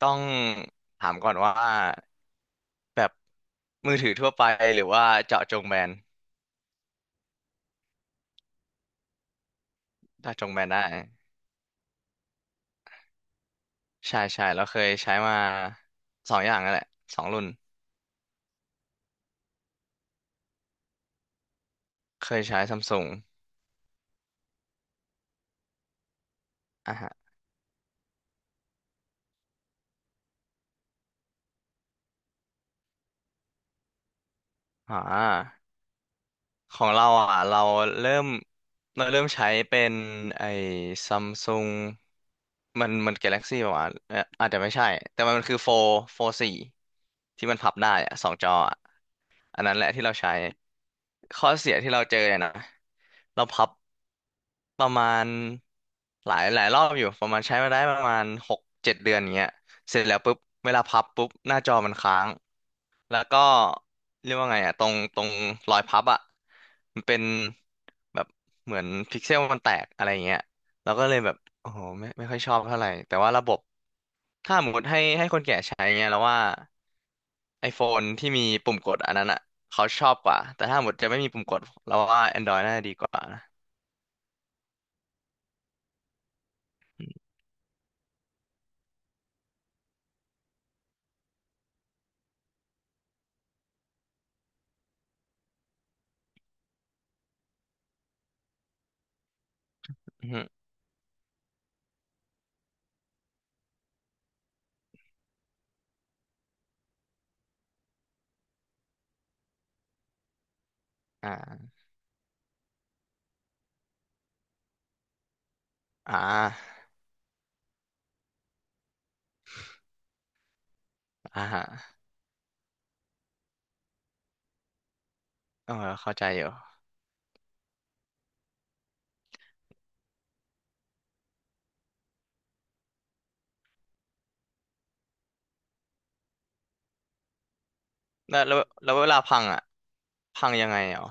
ต้องถามก่อนว่าแบบมือถือทั่วไปหรือว่าเจาะจงแบรนด์เจาะจงแบรนด์ได้ใช่ใช่แล้วเคยใช้มาสองอย่างนั่นแหละสองรุ่นเคยใช้ซัมซุงอ่ะฮะอ่าของเราอ่ะเริ่มเราเริ่มใช้เป็นไอ้ซัมซุงมันกาแล็กซี่ป่าวะอาจจะไม่ใช่แต่มันคือโฟสี่ที่มันพับได้อ่ะสองจออ่ะ อันนั้นแหละที่เราใช้ข้อเสียที่เราเจอเนี่ยนะเราพับประมาณหลายหลายรอบอยู่ประมาณใช้มาได้ประมาณ6-7 เดือนอย่างเงี้ยเสร็จแล้วปุ๊บเวลาพับปุ๊บหน้าจอมันค้างแล้วก็เรียกว่าไงอ่ะตรงตรงรอยพับอ่ะมันเป็นแบบเหมือนพิกเซลมันแตกอะไรอย่างเงี้ยเราก็เลยแบบโอ้โหไม่ค่อยชอบเท่าไหร่แต่ว่าระบบถ้าสมมติให้คนแก่ใช้เงี้ยเราว่า ไอโฟนที่มีปุ่มกดอันนั้นอ่ะเขาชอบกว่าแต่ถ้าหมดจะไม่มีปุ่มกดเราว่า Android น่าจะดีกว่านะอือฮึอ่าอ่าอ่าฮะเออเข้าใจอยู่แล้วเวลาพังอ่ะพังยังไงอ๋อ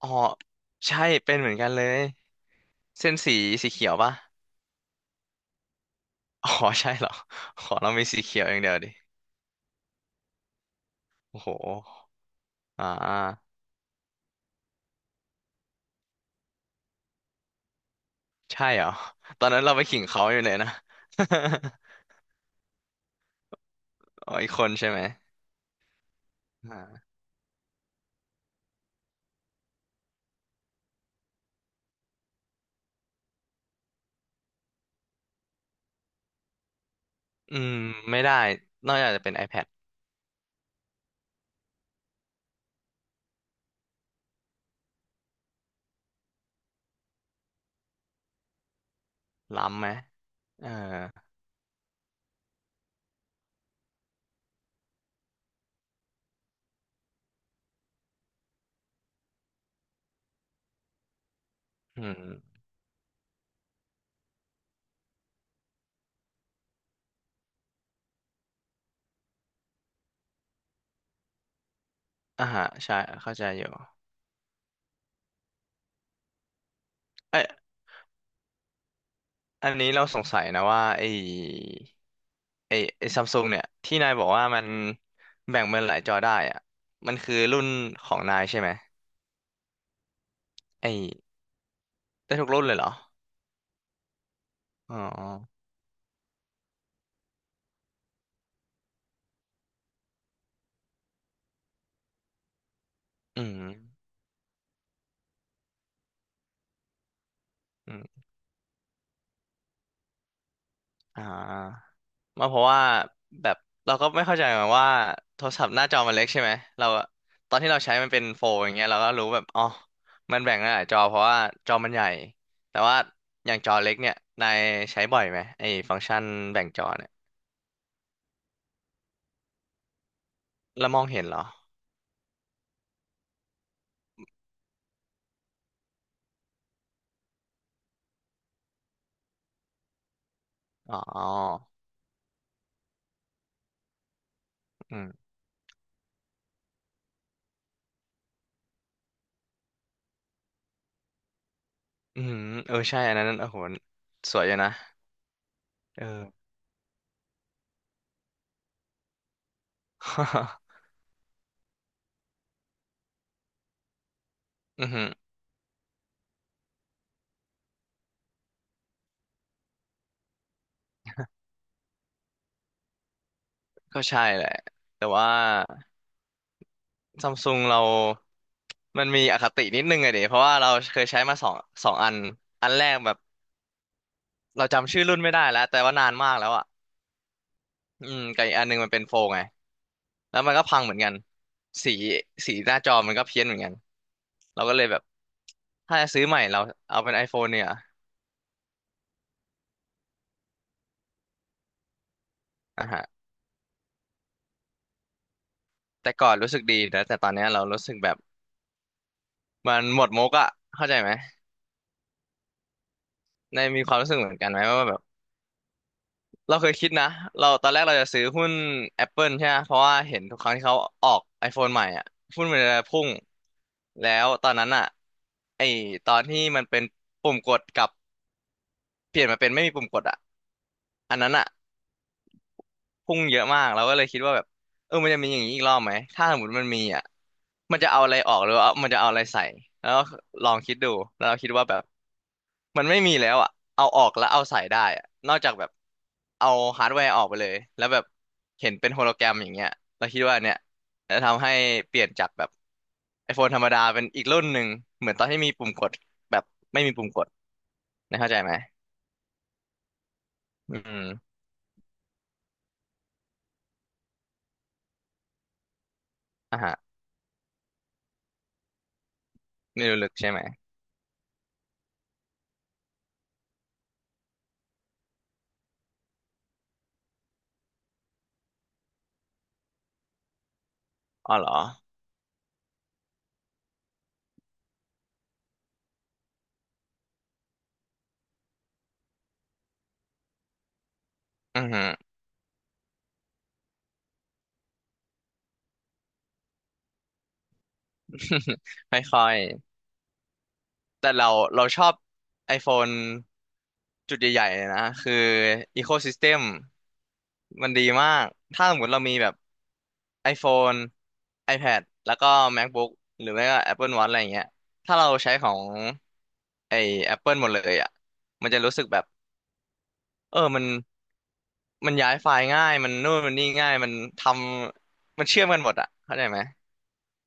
อ๋อใช่เป็นเหมือนกันเลยเส้นสีสีเขียวป่ะอ๋อใช่เหรอขอเรามีสีเขียวอย่างเดียวดิโอ้โหอ่าใช่เหรอตอนนั้นเราไปขิงเขาอยู่เลยนะ อ๋ออีกคนใช่ไหมอ่าอืมไม่ได้นอกจากจะเป็น iPad ล้ำไหม อ่าอืมอ่าฮะใช่เข้าใจอยู่เอ้ยอันนี้เราสงสัยนะว่าไอ้ไอ้ซัมซุงเนี่ย ที่นายบอกว่ามันแบ่งเป็นหลายจอได้อะมันคือรุ่นของนายใช่ไหมไอ้ได้ทุกรุ่นเลยเหรออ๋ออืมอืมอ่า มาเพราะว่าแบบเราก็ไม่เข้าใจเหมือนกันว่าโทรศัพท์หน้าจอมันเล็กใช่ไหมเราอะตอนที่เราใช้มันเป็นโฟลอย่างเงี้ยเราก็รู้แบบอ๋อมันแบ่งหลายจอเพราะว่าจอมันใหญ่แต่ว่าอย่างจอเล็กเนี่ยนายใช้บ่อยไหมไอ้ฟังก์ชันแบ่งจอเนี่ยแล้วมองเห็นเหรออ๋ออืมอืมเออใช่อันนั้นโอ้โหสวยอยู่นะเออ อือหือก็ใช่แหละแต่ว่า ซัมซุงเรามันมีอคตินิดนึงอะเดยเพราะว่าเราเคยใช้มาสองอันอันแรกแบบเราจำชื่อรุ่นไม่ได้แล้วแต่ว่านานมากแล้วอ่ะอืมกับอีกอันหนึงมันเป็นโฟลไงแล้วมันก็พังเหมือนกันสีสีหน้าจอมันก็เพี้ยนเหมือนกันเราก็เลยแบบถ้าจะซื้อใหม่เราเอาเป็น iPhone เนี่ยอ่ะฮะแต่ก่อนรู้สึกดีนะแต่ตอนเนี้ยเรารู้สึกแบบมันหมดมุกอะเข้าใจไหมในมีความรู้สึกเหมือนกันไหมว่าแบบ เราเคยคิดนะเราตอนแรกเราจะซื้อหุ้น Apple ใช่ไหมเพราะว่าเห็นทุกครั้งที่เขาออก iPhone ใหม่อ่ะหุ้นมันจะพุ่งแล้วตอนนั้นอ่ะไอตอนที่มันเป็นปุ่มกดกับเปลี่ยนมาเป็นไม่มีปุ่มกดอ่ะอันนั้นอ่ะ พุ่งเยอะมากเราก็เลยคิดว่าแบบเออมันจะมีอย่างนี้อีกรอบไหมถ้าสมมติมันมีอ่ะมันจะเอาอะไรออกหรือว่ามันจะเอาอะไรใส่แล้วลองคิดดูแล้วเราคิดว่าแบบมันไม่มีแล้วอ่ะเอาออกแล้วเอาใส่ได้อะนอกจากแบบเอาฮาร์ดแวร์ออกไปเลยแล้วแบบเห็นเป็นโฮโลแกรมอย่างเงี้ยเราคิดว่าเนี่ยจะทำให้เปลี่ยนจากแบบ iPhone ธรรมดาเป็นอีกรุ่นหนึ่งเหมือนตอนที่มีปุ่มกดแบบไม่มีปุ่มกดนะเข้าใจไหมอืมอ่ะฮะไม่รู้ลึกใช่ไหมอ๋อเหรออือฮึ ไม่ค่อย แต่เราเราชอบ iPhone จุดใหญ่ๆเลยนะคือ Ecosystem มันดีมาก ถ้าสมมติเรามีแบบ iPhone iPad แล้วก็ MacBook หรือไม่ก็ Apple Watch อะไรอย่างเงี้ยถ้าเราใช้ของไอ้ Apple หมดเลยอ่ะมันจะรู้สึกแบบเออมันมันย้ายไฟล์ง่ายมันนู่นมันนี่ง่ายมันทำมันเชื่อมกันหมดอ่ะเข้าใจไหม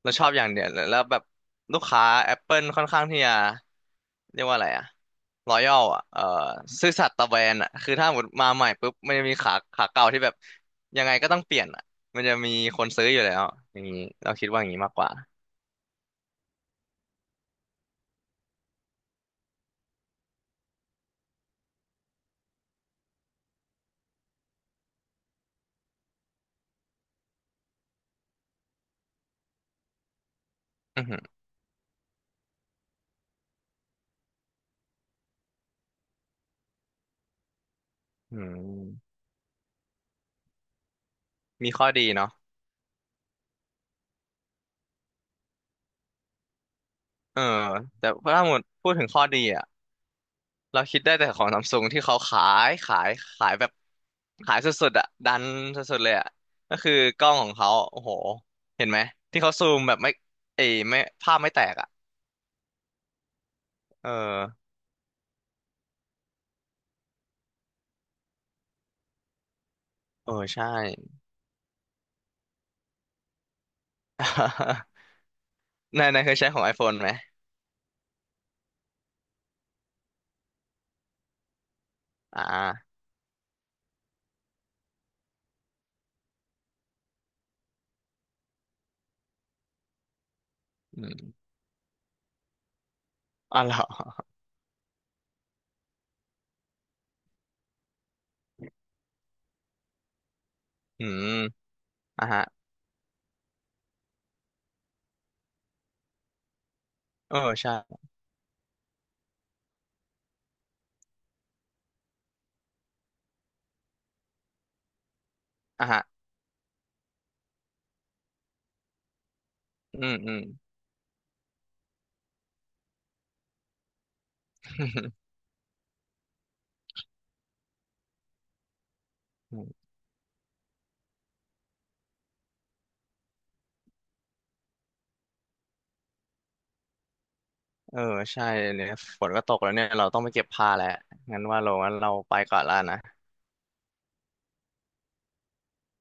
เราชอบอย่างเดียวเลยแล้วแบบลูกค้า Apple ค่อนข้างที่จะเรียกว่าอะไรอะรอยัลอะซื่อสัตย์ต่อแบรนด์อะคือถ้าหมดมาใหม่ปุ๊บมันจะมีขาขาเก่าที่แบบยังไงก็ต้องเปลี่ยนอะมันจะมีคนซื้ออยู่แล้วอย่างนี้เราคิดว่าอย่างนี้มากกว่าอือหืออืมมีข้อดีเนาะเออแต่ถ้าหมดพูดถึงข้อดีอะ เราคิดได้แต่ของซัมซุงที่เขายขายขายแบบขายสุดๆอ่ะดันสุดๆเลยอ่ะก็คือกล้องของเขาโอ้โหเห็นไหมที่เขาซูมแบบไม่เอยไม่ภาพไม่แตกอ่ะเออเออใช่ นายนายเคยใช้ของ iPhone ไหมอ่าอืมอ๋อเหรออืมอ่ะฮะเออใช่อ่ะฮะอืมอืม เออใช่เนี่ยฝนก็ตกแล้วเนี่ยเราต้องไปเก็บผ้าแล้วงั้นว่าเรางั้นเราไปก่อนแล้วนะ